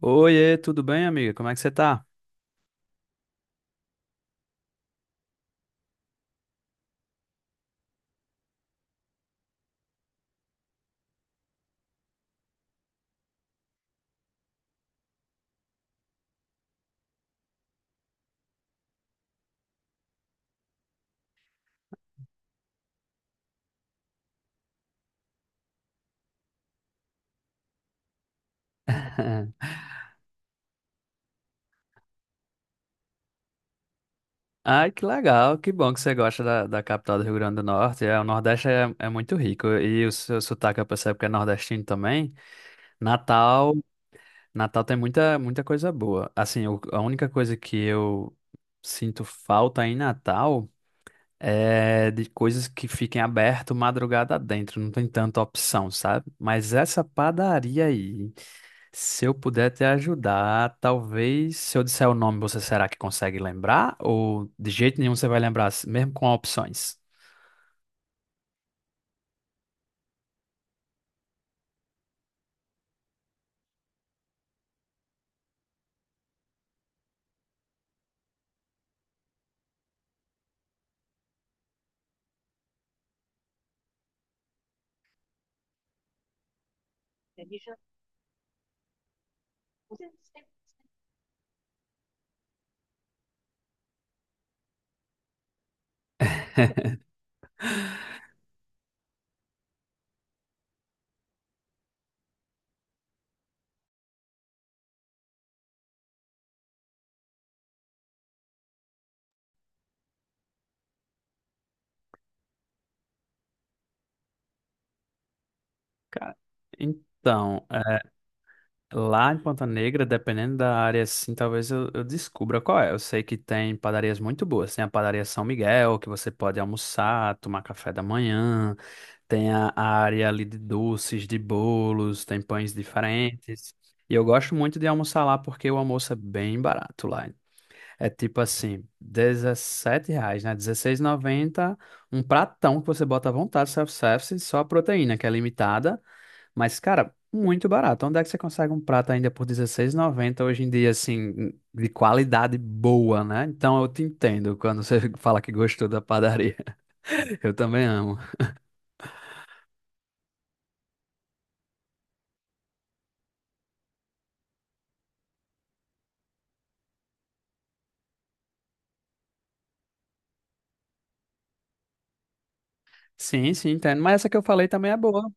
Oiê, tudo bem, amiga? Como é que você tá? Ai, que legal, que bom que você gosta da capital do Rio Grande do Norte. É, o Nordeste é muito rico e o seu sotaque eu percebo que é nordestino também. Natal, Natal tem muita coisa boa. Assim, a única coisa que eu sinto falta em Natal é de coisas que fiquem aberto madrugada dentro, não tem tanta opção, sabe? Mas essa padaria aí, se eu puder te ajudar, talvez se eu disser o nome, você será que consegue lembrar? Ou de jeito nenhum você vai lembrar, mesmo com opções? Cara, então, é, lá em Ponta Negra, dependendo da área, assim, talvez eu descubra qual é. Eu sei que tem padarias muito boas. Tem a padaria São Miguel, que você pode almoçar, tomar café da manhã. Tem a área ali de doces, de bolos, tem pães diferentes. E eu gosto muito de almoçar lá porque o almoço é bem barato lá. É tipo assim, R$17 reais, né? 16,90, um pratão que você bota à vontade, self-service, só a proteína, que é limitada. Mas, cara, muito barato. Onde é que você consegue um prato ainda por 16,90 hoje em dia, assim, de qualidade boa, né? Então eu te entendo quando você fala que gostou da padaria. Eu também amo. Sim, sim, entendo. Mas essa que eu falei também é boa.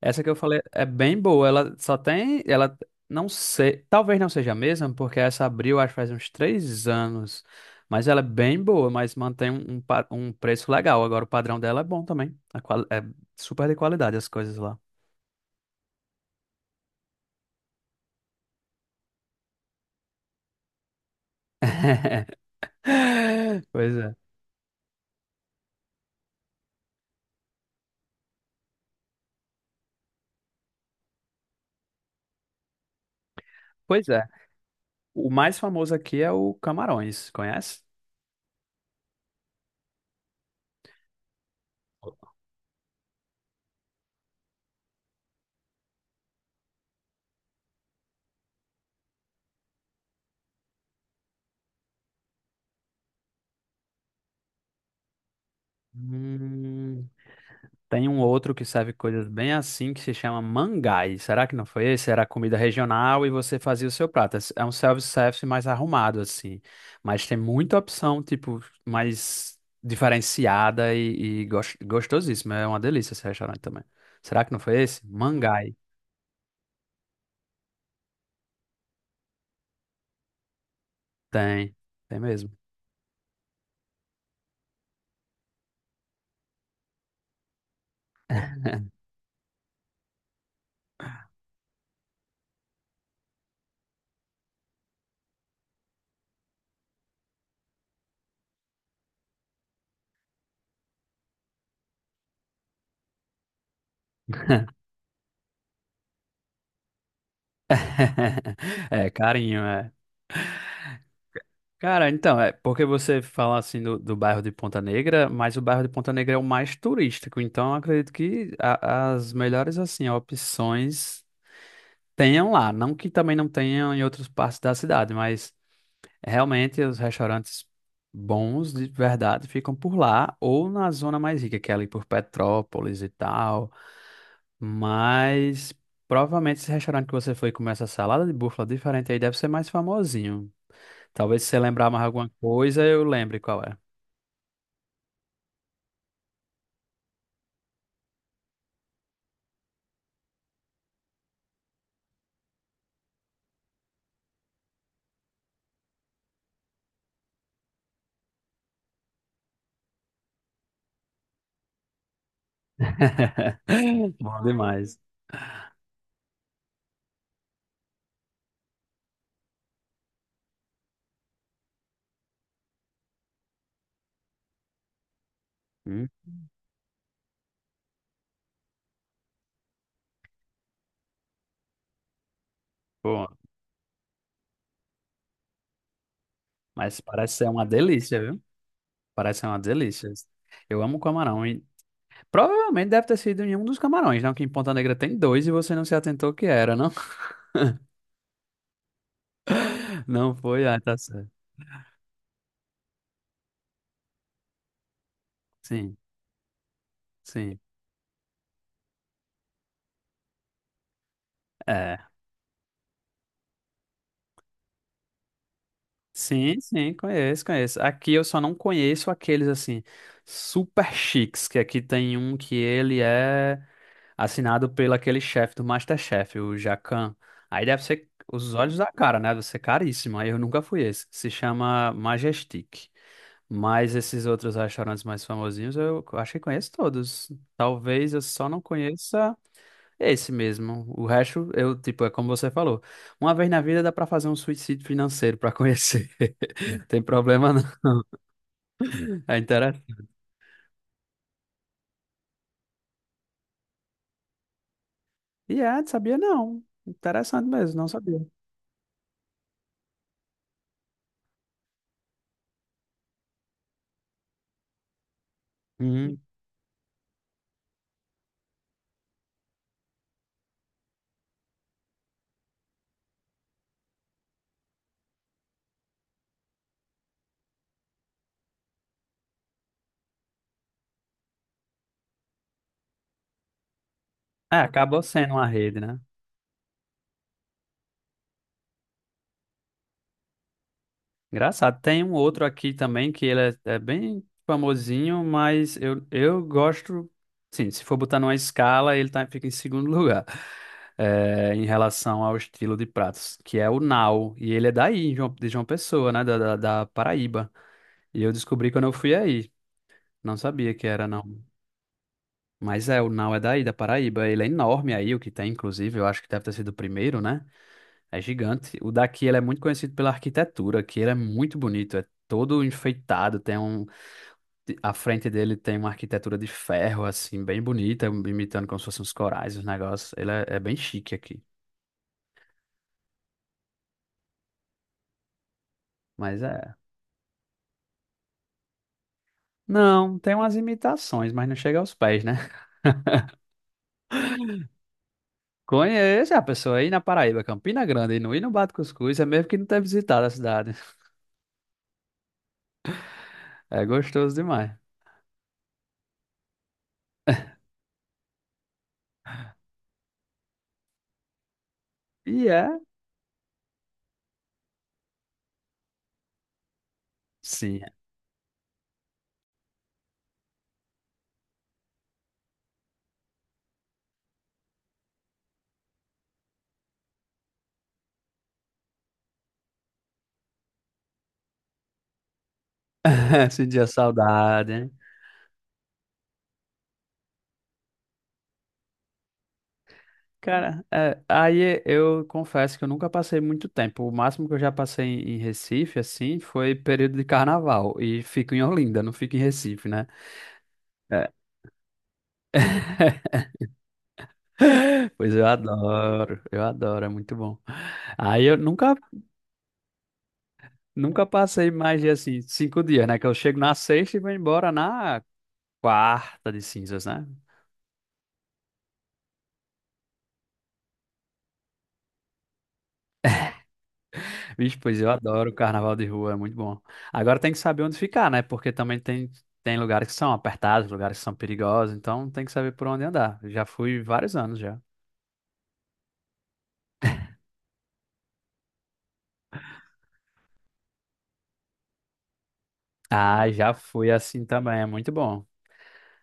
Essa que eu falei é bem boa. Ela só tem. Ela não sei. Talvez não seja a mesma, porque essa abriu, acho que faz uns três anos. Mas ela é bem boa, mas mantém um preço legal. Agora o padrão dela é bom também. A qual é super de qualidade as coisas lá. Pois é. Pois é. O mais famoso aqui é o Camarões, conhece? Hum. Tem um outro que serve coisas bem assim que se chama Mangai. Será que não foi esse? Era comida regional e você fazia o seu prato. É um self-service mais arrumado assim, mas tem muita opção tipo mais diferenciada e, gostosíssima. É uma delícia esse restaurante também. Será que não foi esse? Mangai. Tem, tem mesmo. É carinho, é. Cara, então, é porque você fala assim do bairro de Ponta Negra, mas o bairro de Ponta Negra é o mais turístico, então eu acredito que as melhores assim opções tenham lá, não que também não tenham em outras partes da cidade, mas realmente os restaurantes bons de verdade ficam por lá ou na zona mais rica, que é ali por Petrópolis e tal, mas provavelmente esse restaurante que você foi comer essa salada de búfala diferente aí deve ser mais famosinho. Talvez se você lembrar mais alguma coisa, eu lembre qual é. Bom demais. Hum, pô, mas parece ser uma delícia, viu? Parece ser uma delícia. Eu amo camarão. E provavelmente deve ter sido em um dos camarões, não? Que em Ponta Negra tem dois e você não se atentou que era, não? Não foi? Ah, tá certo. Sim, sim. É. Sim, sim, conheço, conheço. Aqui eu só não conheço aqueles assim, super chiques, que aqui tem um que ele é assinado pelo aquele chefe do MasterChef, o Jacan. Aí deve ser os olhos da cara, né? Deve ser caríssimo. Aí eu nunca fui esse. Se chama Majestic. Mas esses outros restaurantes mais famosinhos eu acho que conheço todos. Talvez eu só não conheça esse mesmo. O resto, eu, tipo, é como você falou. Uma vez na vida dá pra fazer um suicídio financeiro pra conhecer. Não tem problema não. É interessante. E é, sabia não. Interessante mesmo, não sabia. Uhum. É, acabou sendo uma rede, né? Engraçado. Tem um outro aqui também que ele é, é bem famosinho, mas eu gosto. Sim, se for botar numa escala, ele tá, fica em segundo lugar, é, em relação ao estilo de pratos, que é o Nau. E ele é daí, de João Pessoa, né? Da, da Paraíba. E eu descobri quando eu fui aí. Não sabia que era, não. Mas é, o Nau é daí, da Paraíba. Ele é enorme aí, o que tem, inclusive. Eu acho que deve ter sido o primeiro, né? É gigante. O daqui ele é muito conhecido pela arquitetura, que ele é muito bonito, é todo enfeitado, tem um a frente dele tem uma arquitetura de ferro assim, bem bonita, imitando como se fossem uns corais, os negócios. Ele é bem chique aqui. Mas é. Não, tem umas imitações, mas não chega aos pés, né? Conheço a pessoa aí na Paraíba, Campina Grande, e não ir no Bate Cuscuz, é mesmo que não ter visitado a cidade. É gostoso demais. E é, sim. Sentia saudade, hein? Cara, é, aí eu confesso que eu nunca passei muito tempo. O máximo que eu já passei em Recife, assim, foi período de carnaval. E fico em Olinda, não fico em Recife, né? É, pois eu adoro, é muito bom. Aí eu nunca, nunca passei mais de, assim, 5 dias, né? Que eu chego na sexta e vou embora na quarta de cinzas, né? Vixe, pois eu adoro o carnaval de rua, é muito bom. Agora tem que saber onde ficar, né? Porque também tem, tem lugares que são apertados, lugares que são perigosos, então tem que saber por onde andar. Já fui vários anos já. Ah, já fui assim também, é muito bom.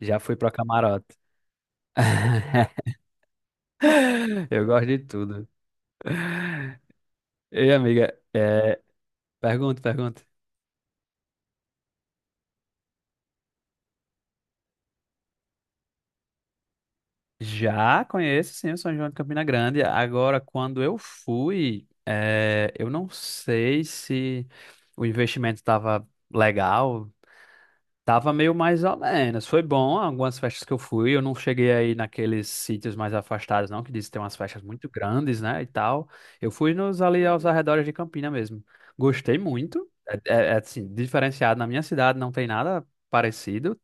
Já fui pro camarote. Eu gosto de tudo. Ei, amiga, é, pergunta, pergunta. Já conheço, sim, o São João de Campina Grande. Agora, quando eu fui, é, eu não sei se o investimento estava legal. Tava meio mais ou menos. Foi bom algumas festas que eu fui. Eu não cheguei aí naqueles sítios mais afastados, não, que diz que tem umas festas muito grandes, né? E tal. Eu fui nos ali aos arredores de Campina mesmo. Gostei muito. É, é, assim, diferenciado. Na minha cidade não tem nada parecido,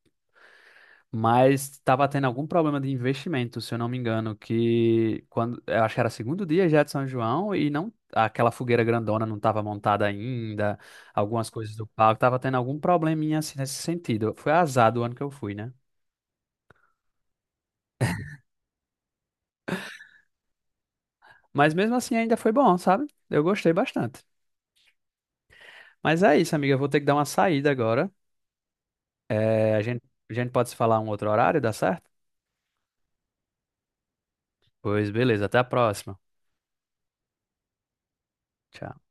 mas estava tendo algum problema de investimento, se eu não me engano, que quando eu acho que era segundo dia já de São João e não, aquela fogueira grandona não estava montada ainda, algumas coisas do palco estava tendo algum probleminha assim nesse sentido. Foi azar do ano que eu fui, né? Mas mesmo assim ainda foi bom, sabe? Eu gostei bastante. Mas é isso, amiga, eu vou ter que dar uma saída agora. É, a gente pode se falar um outro horário, dá certo? Pois beleza, até a próxima. Tchau.